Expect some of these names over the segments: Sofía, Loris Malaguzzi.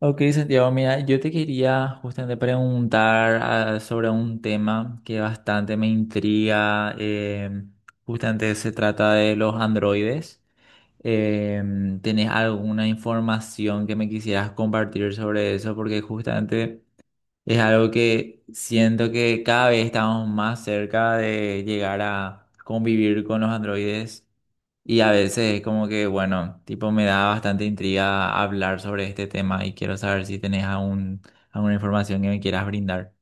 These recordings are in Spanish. Ok, Santiago, mira, yo te quería justamente preguntar sobre un tema que bastante me intriga. Justamente se trata de los androides. ¿Tenés alguna información que me quisieras compartir sobre eso? Porque justamente es algo que siento que cada vez estamos más cerca de llegar a convivir con los androides. Y a veces como que, bueno, tipo me da bastante intriga hablar sobre este tema y quiero saber si tenés algún, alguna información que me quieras brindar.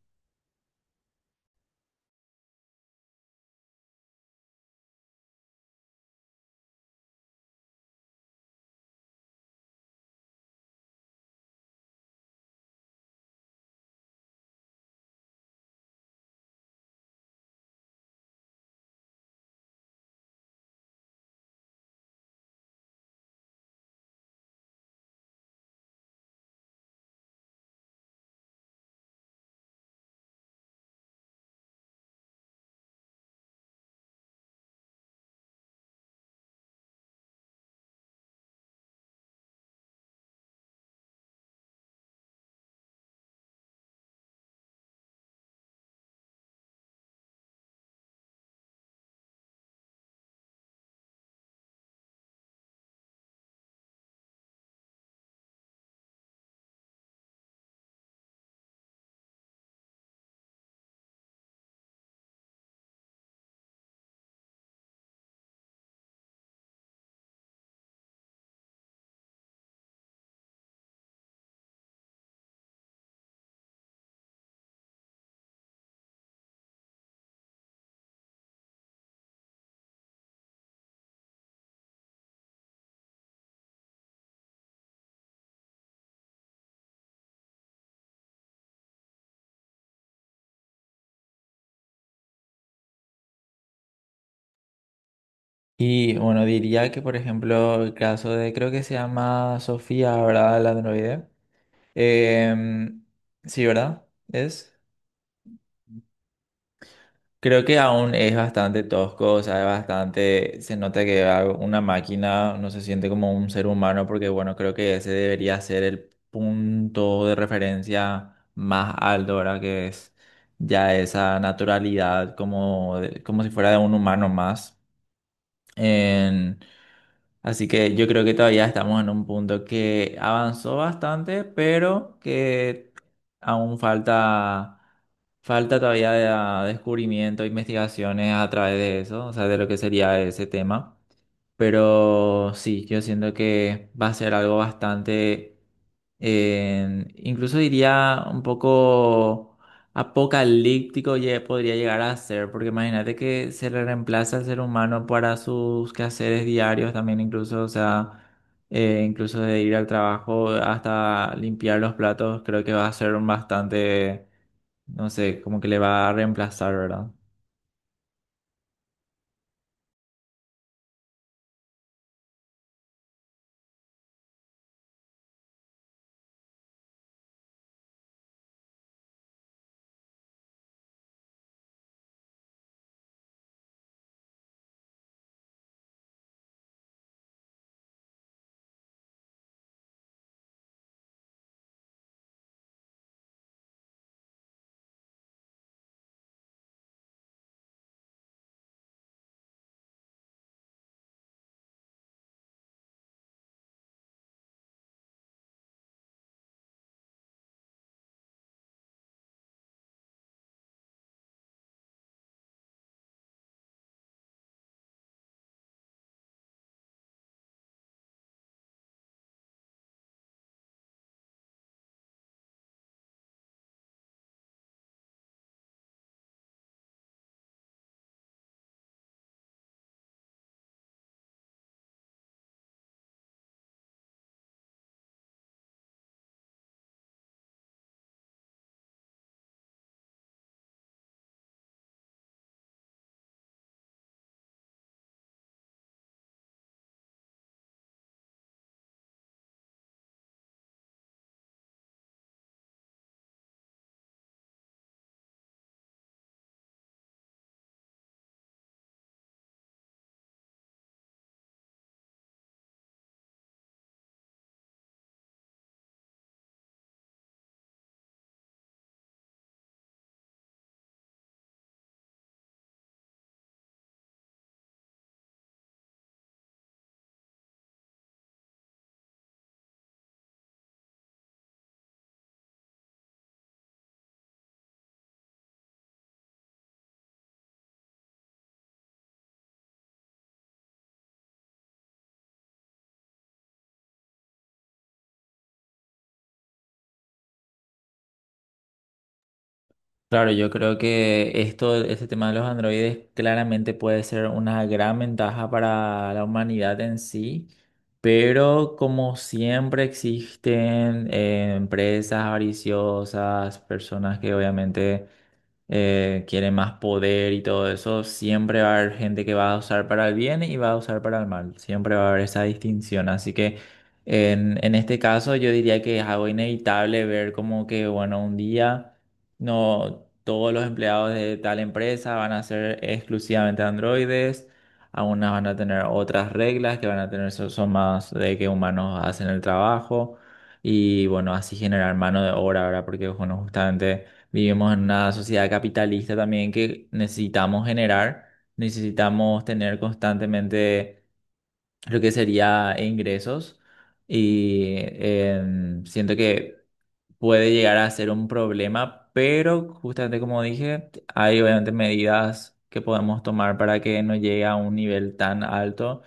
Y bueno, diría que por ejemplo el caso de, creo que se llama Sofía, ¿verdad? La androide. Em, sí, ¿verdad? ¿Es? Creo que aún es bastante tosco, o sea, es bastante, se nota que una máquina no se siente como un ser humano, porque bueno, creo que ese debería ser el punto de referencia más alto, ¿verdad? Que es ya esa naturalidad como, como si fuera de un humano más. Así que yo creo que todavía estamos en un punto que avanzó bastante, pero que aún falta, falta todavía descubrimiento, investigaciones a través de eso, o sea, de lo que sería ese tema. Pero sí, yo siento que va a ser algo bastante, incluso diría un poco apocalíptico, podría llegar a ser, porque imagínate que se le reemplaza al ser humano para sus quehaceres diarios también, incluso, o sea, incluso de ir al trabajo hasta limpiar los platos, creo que va a ser un bastante, no sé, como que le va a reemplazar, ¿verdad? Claro, yo creo que esto, este tema de los androides claramente puede ser una gran ventaja para la humanidad en sí, pero como siempre existen empresas avariciosas, personas que obviamente quiere más poder y todo eso, siempre va a haber gente que va a usar para el bien y va a usar para el mal. Siempre va a haber esa distinción. Así que en este caso yo diría que es algo inevitable ver como que, bueno, un día no todos los empleados de tal empresa van a ser exclusivamente androides. Algunas van a tener otras reglas que van a tener, son más de que humanos hacen el trabajo. Y bueno, así generar mano de obra, ¿verdad? Porque bueno, justamente... Vivimos en una sociedad capitalista también que necesitamos generar, necesitamos tener constantemente lo que sería ingresos y siento que puede llegar a ser un problema, pero justamente como dije, hay obviamente medidas que podemos tomar para que no llegue a un nivel tan alto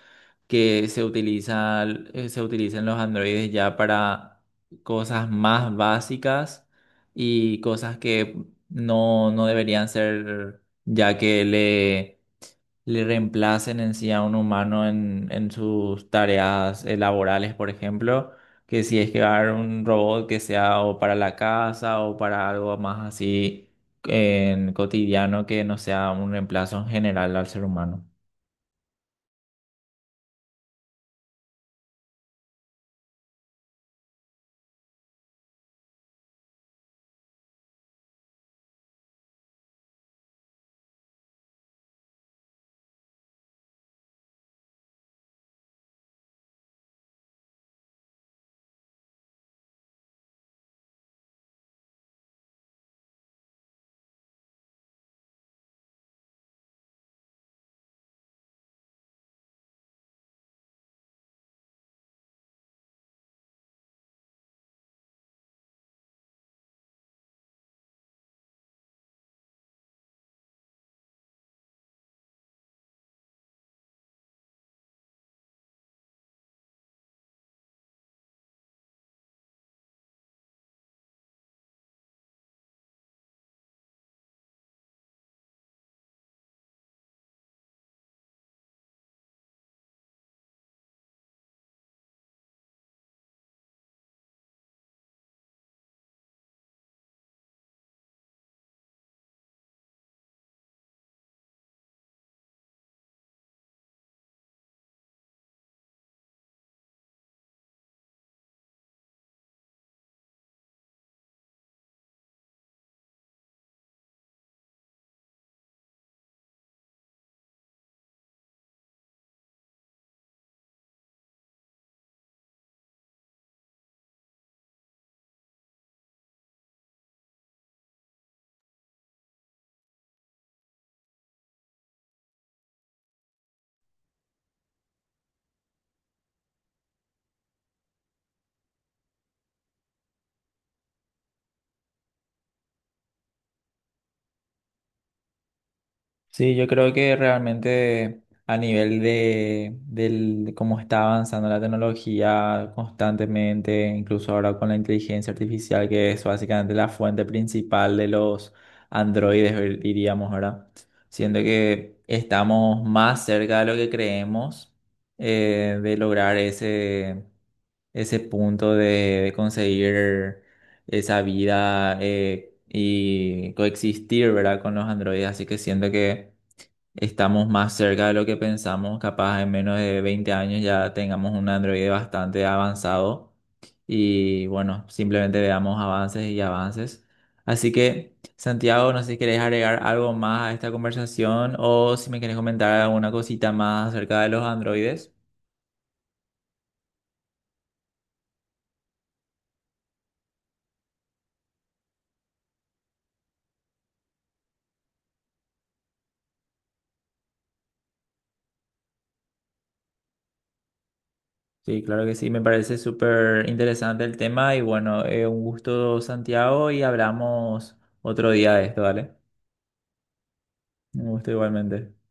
que se utiliza, se utilizan los androides ya para cosas más básicas y cosas que no, no deberían ser, ya que le reemplacen en sí a un humano en sus tareas laborales, por ejemplo, que si es que va a haber un robot que sea o para la casa o para algo más así en cotidiano que no sea un reemplazo en general al ser humano. Sí, yo creo que realmente a nivel de, de cómo está avanzando la tecnología constantemente, incluso ahora con la inteligencia artificial, que es básicamente la fuente principal de los androides, diríamos, ¿verdad? Siento que estamos más cerca de lo que creemos de lograr ese, ese punto de conseguir esa vida y coexistir, ¿verdad? Con los androides. Así que siento que estamos más cerca de lo que pensamos, capaz en menos de 20 años ya tengamos un Android bastante avanzado y bueno, simplemente veamos avances y avances. Así que, Santiago, no sé si querés agregar algo más a esta conversación o si me querés comentar alguna cosita más acerca de los androides. Sí, claro que sí, me parece súper interesante el tema y bueno, un gusto, Santiago, y hablamos otro día de esto, ¿vale? Un gusto igualmente.